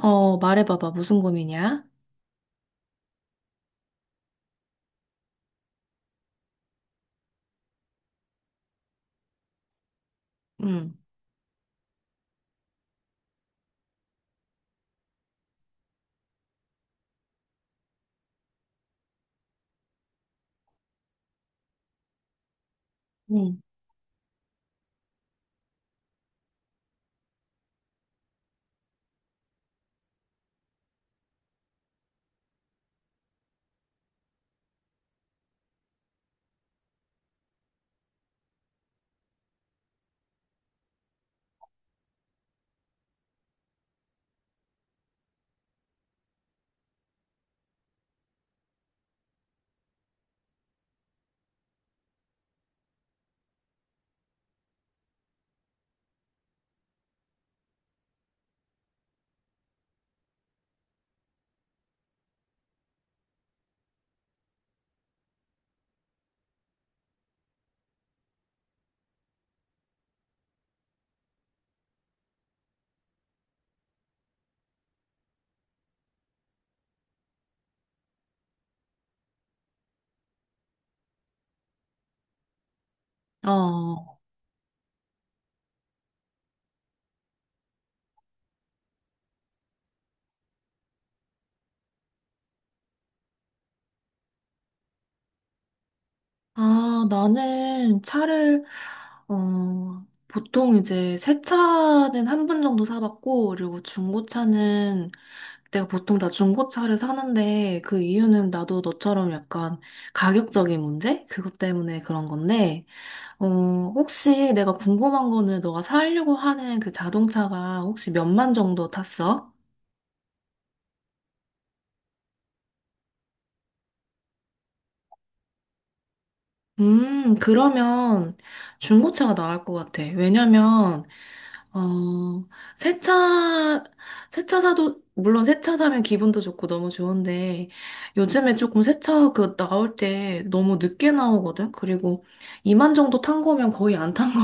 말해봐봐. 무슨 고민이야? 응, 응. 어, 나는 차를, 보통 이제 새 차는 한 번 정도 사봤고, 그리고 중고차는 내가 보통 다 중고차를 사는데, 그 이유는 나도 너처럼 약간 가격적인 문제? 그것 때문에 그런 건데, 어, 혹시 내가 궁금한 거는 너가 사려고 하는 그 자동차가 혹시 몇 만 정도 탔어? 그러면 중고차가 나을 것 같아. 왜냐면, 어, 새 차, 새차 사도, 물론 새차 사면 기분도 좋고 너무 좋은데, 요즘에 조금 새차 그 나올 때 너무 늦게 나오거든? 그리고 이만 정도 탄 거면 거의 안 탄 거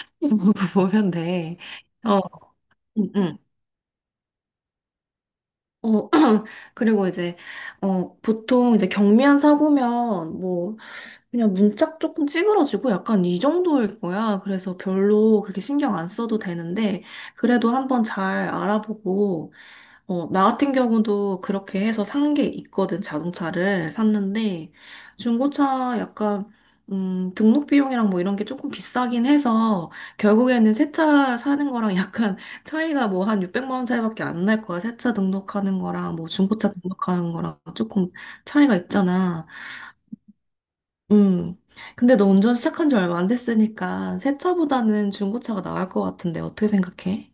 보면 돼. 어, 응, 응. 어, 그리고 이제, 보통 이제 경미한 사고면 뭐, 그냥 문짝 조금 찌그러지고 약간 이 정도일 거야. 그래서 별로 그렇게 신경 안 써도 되는데, 그래도 한번 잘 알아보고, 나 같은 경우도 그렇게 해서 산 게 있거든, 자동차를 샀는데, 중고차 약간, 등록 비용이랑 뭐 이런 게 조금 비싸긴 해서, 결국에는 새차 사는 거랑 약간 차이가 뭐 한 600만 원 차이밖에 안 날 거야. 새차 등록하는 거랑 뭐 중고차 등록하는 거랑 조금 차이가 있잖아. 음. 근데 너 운전 시작한 지 얼마 안 됐으니까, 새 차보다는 중고차가 나을 것 같은데, 어떻게 생각해?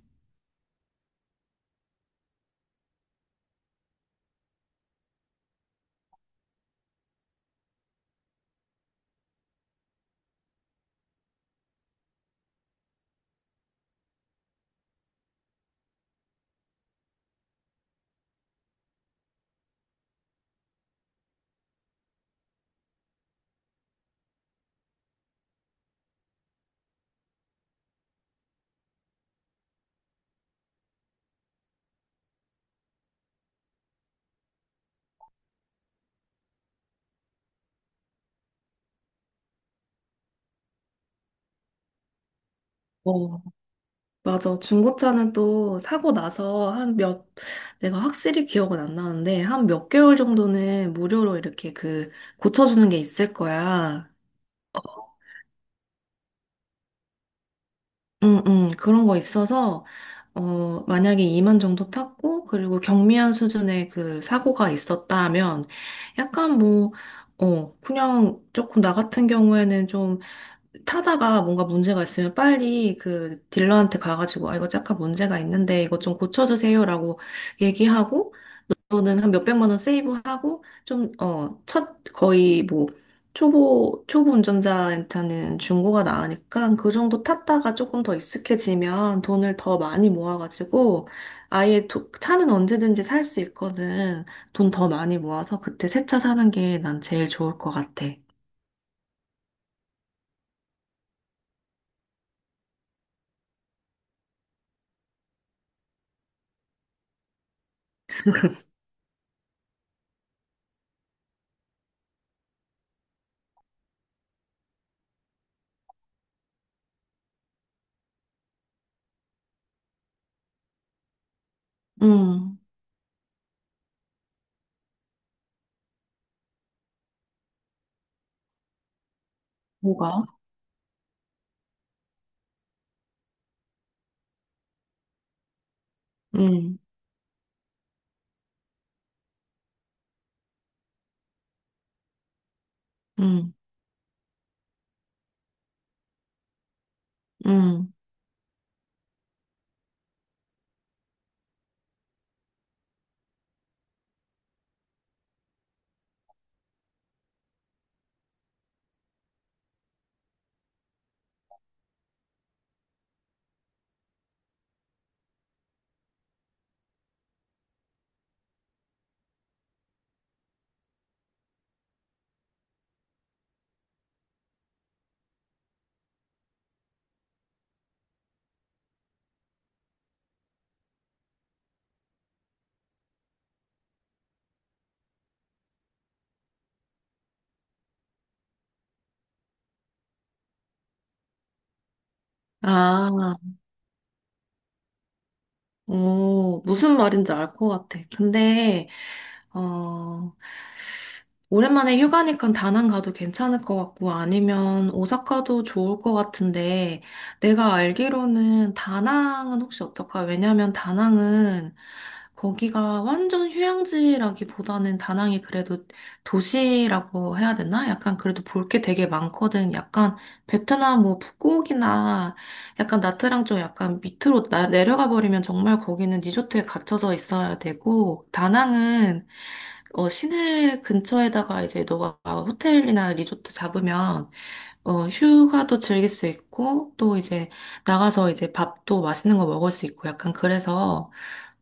맞아. 중고차는 또 사고 나서 한 몇, 내가 확실히 기억은 안 나는데, 한 몇 개월 정도는 무료로 이렇게 그, 고쳐주는 게 있을 거야. 응, 응, 그런 거 있어서, 만약에 2만 정도 탔고, 그리고 경미한 수준의 그 사고가 있었다면, 약간 뭐, 그냥 조금 나 같은 경우에는 좀 타다가 뭔가 문제가 있으면 빨리 그 딜러한테 가가지고, 아, 이거 약간 문제가 있는데, 이거 좀 고쳐주세요라고 얘기하고, 저는 한 몇백만 원 세이브하고 좀, 거의 뭐, 초보, 초보 운전자한테는 중고가 나으니까 그 정도 탔다가 조금 더 익숙해지면 돈을 더 많이 모아가지고 차는 언제든지 살 수 있거든. 돈 더 많이 모아서 그때 새 차 사는 게 난 제일 좋을 것 같아. 음, 뭐가? 음, 음, 음. 아, 오, 무슨 말인지 알 것 같아. 근데, 어, 오랜만에 휴가니까 다낭 가도 괜찮을 것 같고 아니면 오사카도 좋을 것 같은데 내가 알기로는 다낭은 혹시 어떨까? 왜냐면 다낭은 거기가 완전 휴양지라기보다는 다낭이 그래도 도시라고 해야 되나? 약간 그래도 볼 게 되게 많거든. 약간 베트남 뭐 푸꾸옥이나 약간 나트랑 좀 약간 밑으로 내려가 버리면 정말 거기는 리조트에 갇혀서 있어야 되고, 다낭은 시내 근처에다가 이제 너가 호텔이나 리조트 잡으면 휴가도 즐길 수 있고, 또 이제 나가서 이제 밥도 맛있는 거 먹을 수 있고, 약간 그래서,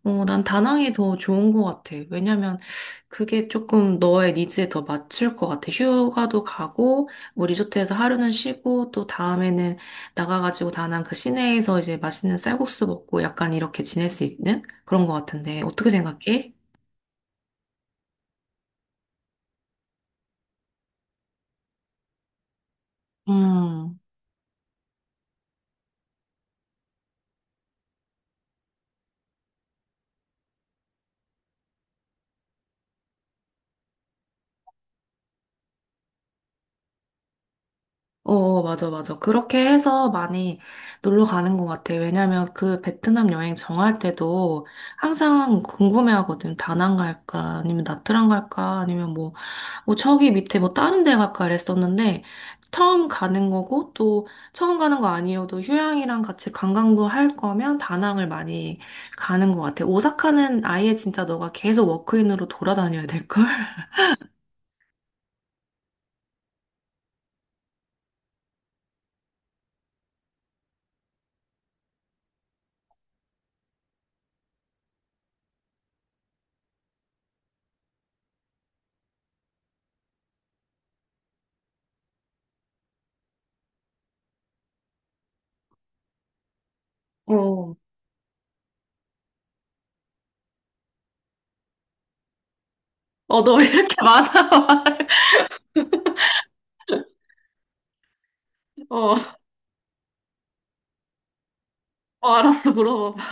어, 난 다낭이 더 좋은 것 같아. 왜냐면 그게 조금 너의 니즈에 더 맞출 것 같아. 휴가도 가고, 뭐 리조트에서 하루는 쉬고, 또 다음에는 나가가지고 다낭 그 시내에서 이제 맛있는 쌀국수 먹고 약간 이렇게 지낼 수 있는 그런 것 같은데, 어떻게 생각해? 음. 어, 어, 맞아, 맞아. 그렇게 해서 많이 놀러 가는 것 같아. 왜냐면 그 베트남 여행 정할 때도 항상 궁금해하거든. 다낭 갈까, 아니면 나트랑 갈까, 아니면 뭐 저기 밑에 뭐 다른 데 갈까 그랬었는데, 처음 가는 거고, 또 처음 가는 거 아니어도 휴양이랑 같이 관광도 할 거면 다낭을 많이 가는 것 같아. 오사카는 아예 진짜 너가 계속 워크인으로 돌아다녀야 될 걸? 어. 어, 너 왜 이렇게 많아? 어, 어, 알았어, 물어봐.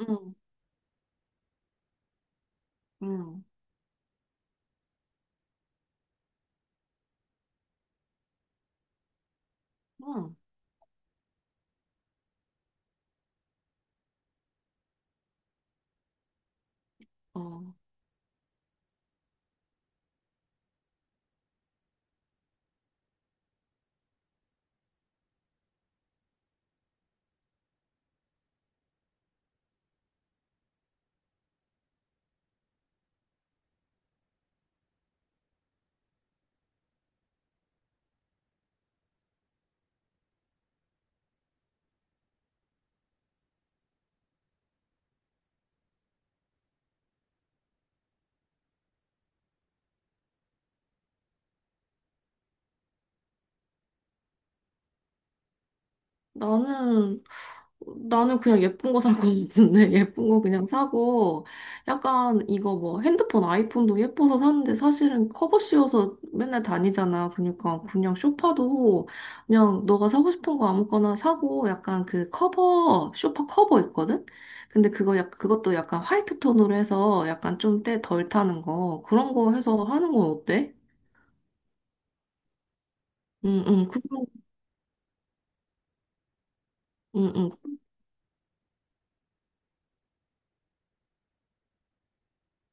응, 응, 응. 어, 나는, 나는 그냥 예쁜 거 살 거 같은데, 예쁜 거 그냥 사고, 약간 이거 뭐 핸드폰, 아이폰도 예뻐서 샀는데 사실은 커버 씌워서 맨날 다니잖아. 그러니까 그냥 소파도 그냥 너가 사고 싶은 거 아무거나 사고, 약간 그 커버, 소파 커버 있거든? 근데 그거 약, 그것도 약간 화이트 톤으로 해서 약간 좀 때 덜 타는 거, 그런 거 해서 하는 건 어때? 응, 응, 그거, 응, 응,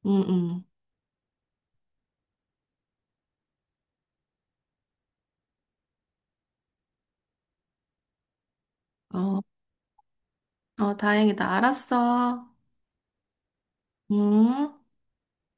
응, 응. 아, 어, 다행이다. 알았어. 응?